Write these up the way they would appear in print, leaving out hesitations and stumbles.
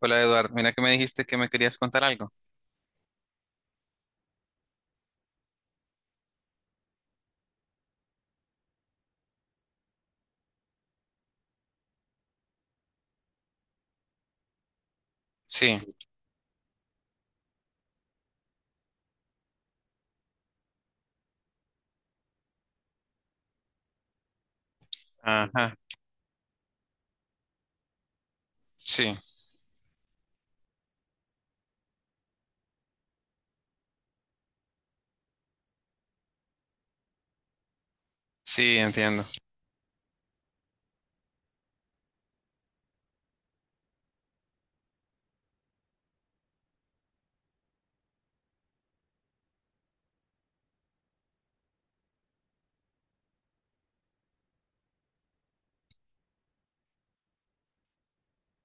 Hola Eduardo, mira que me dijiste que me querías contar algo. Sí, ajá, sí, sí, entiendo.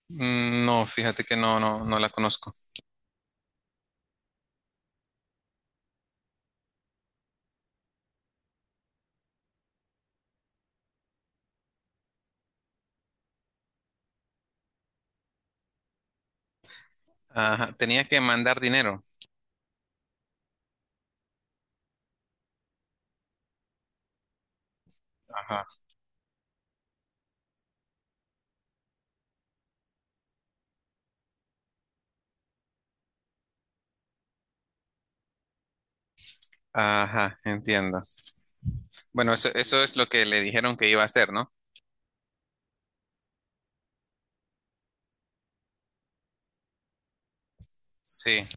No, fíjate que no, no, no la conozco. Ajá, tenía que mandar dinero. Ajá, ajá, entiendo. Bueno, eso es lo que le dijeron que iba a hacer, ¿no? Sí.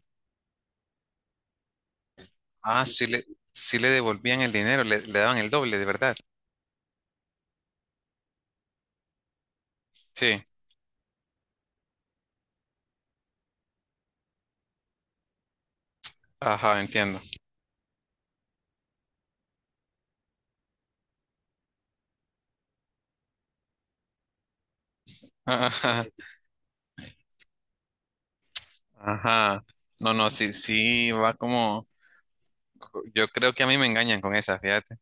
Ah, sí le devolvían el dinero, le daban el doble, de verdad. Sí, ajá, entiendo. Ajá, ajá. No, no, sí, sí, yo creo que a mí me engañan con esa, fíjate.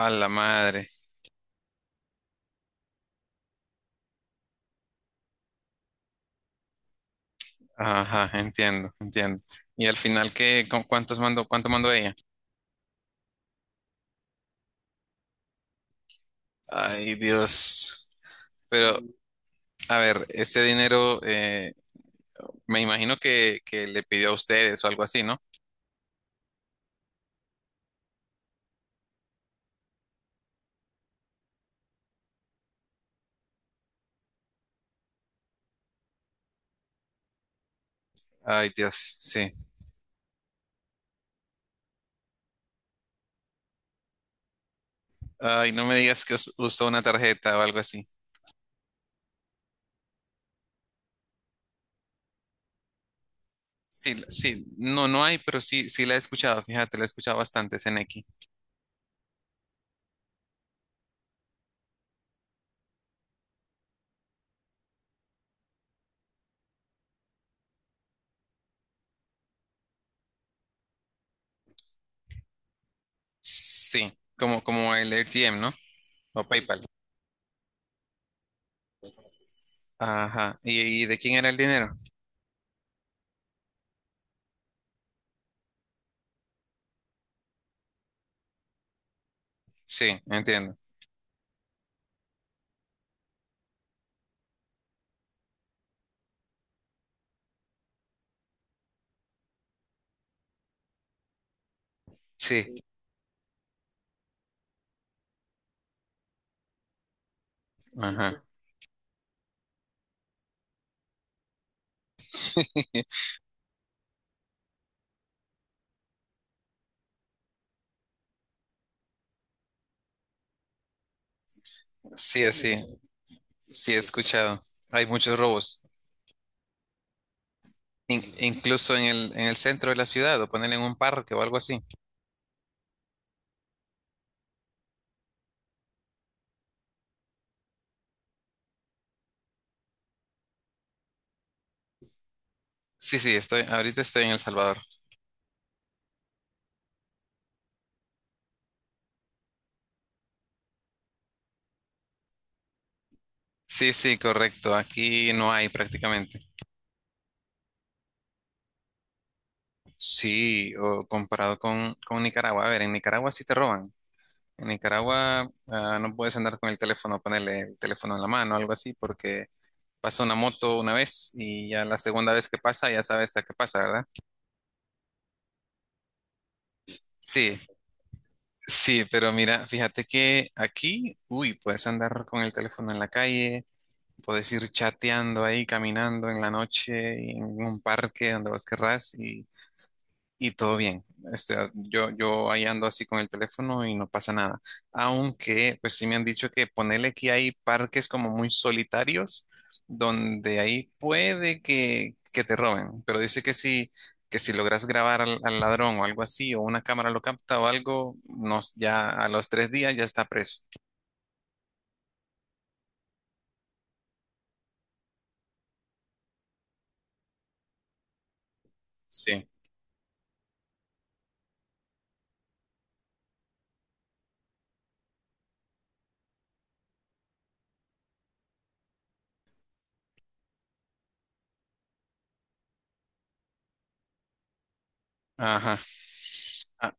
A la madre. Ajá, entiendo, entiendo. Y al final, ¿con cuántos mandó, cuánto mandó ella? Ay, Dios. Pero, a ver, ese dinero, me imagino que le pidió a ustedes o algo así, ¿no? Ay, Dios, sí. Ay, no me digas que usó una tarjeta o algo así. Sí, sí, no, no hay, pero sí, sí la he escuchado, fíjate, la he escuchado bastante, Seneki. Sí, como, como el RTM, ¿no? O PayPal. Ajá. Y de quién era el dinero? Sí, entiendo. Sí, ajá. Sí, sí, sí he escuchado. Hay muchos robos, incluso en el centro de la ciudad, o ponerle en un parque o algo así. Sí, sí, estoy, ahorita estoy en El Salvador. Sí, sí, correcto. Aquí no hay prácticamente. Sí, o comparado con Nicaragua. A ver, en Nicaragua sí te roban. En Nicaragua no puedes andar con el teléfono, ponerle el teléfono en la mano o algo así, porque pasa una moto una vez y ya la segunda vez que pasa ya sabes a qué pasa, ¿verdad? Sí, sí, pero mira, fíjate que aquí, uy, puedes andar con el teléfono en la calle, puedes ir chateando ahí, caminando en la noche, y en un parque, donde vos querrás, y todo bien. Este, yo ahí ando así con el teléfono y no pasa nada. Aunque, pues sí me han dicho que ponele que hay parques como muy solitarios, donde ahí puede que te roben. Pero dice que que si logras grabar al, al ladrón o algo así, o una cámara lo capta o algo, ya a los 3 días ya está preso. Sí. Ajá. Ah,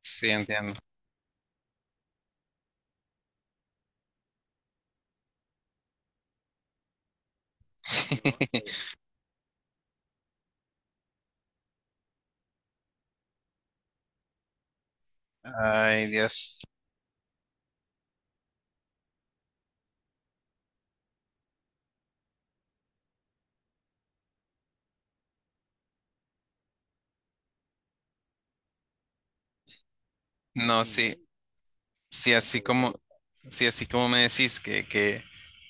sí, entiendo. Ay, Dios. No, sí. Si así como, si así como me decís que,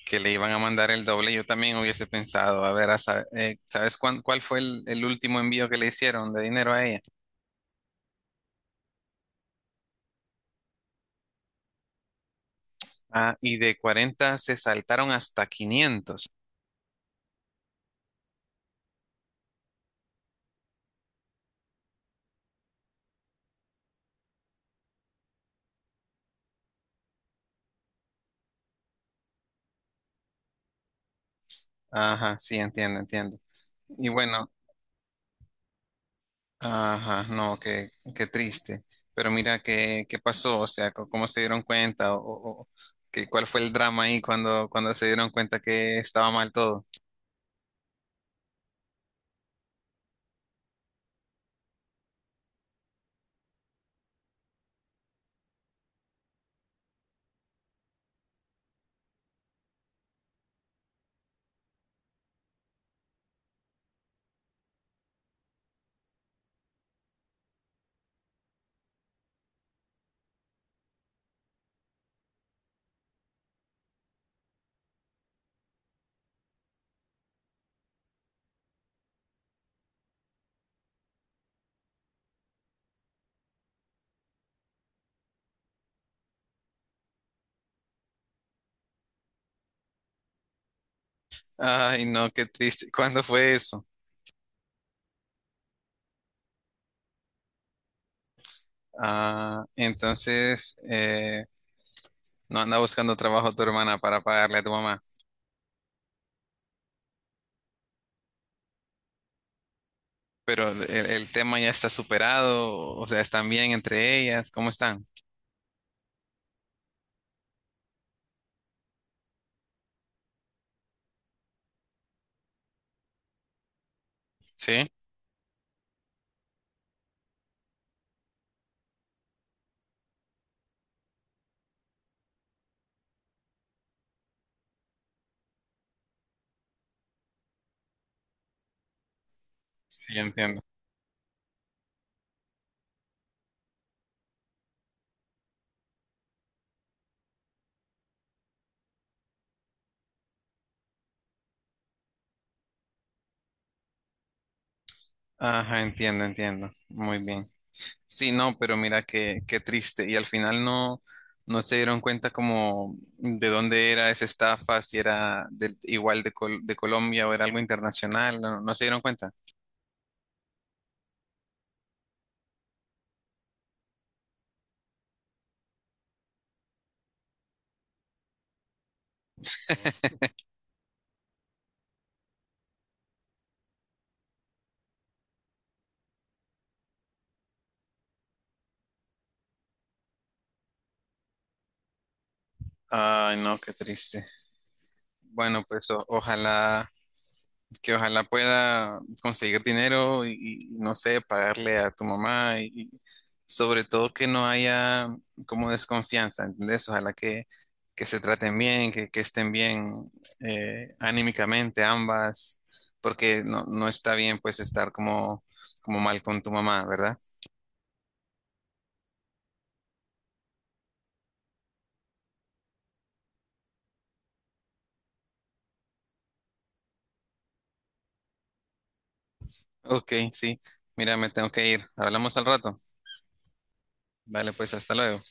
que le iban a mandar el doble, yo también hubiese pensado, a ver, ¿sabes cuál fue el último envío que le hicieron de dinero a ella? Ah, y de 40 se saltaron hasta 500. Ajá, sí, entiendo, entiendo. Y bueno, ajá, no, qué, qué triste. Pero mira, qué, qué pasó, o sea, cómo se dieron cuenta, o que, cuál fue el drama ahí cuando, cuando se dieron cuenta que estaba mal todo. Ay, no, qué triste. ¿Cuándo fue eso? Ah, entonces no anda buscando trabajo tu hermana para pagarle a tu mamá. Pero el tema ya está superado, o sea, están bien entre ellas, ¿cómo están? Sí, sí, entiendo. Ajá, entiendo, entiendo. Muy bien. Sí, no, pero mira qué, qué triste. Y al final no, no se dieron cuenta como de dónde era esa estafa, si era igual de, de Colombia o era algo internacional, no, no se dieron cuenta. Ay, no, qué triste. Bueno, pues ojalá, que ojalá pueda conseguir dinero y, no sé, pagarle a tu mamá y sobre todo que no haya como desconfianza, ¿entendés? Ojalá que se traten bien, que estén bien anímicamente ambas, porque no, no está bien pues estar como, como mal con tu mamá, ¿verdad? Ok, sí, mira, me tengo que ir. Hablamos al rato. Dale, pues, hasta luego.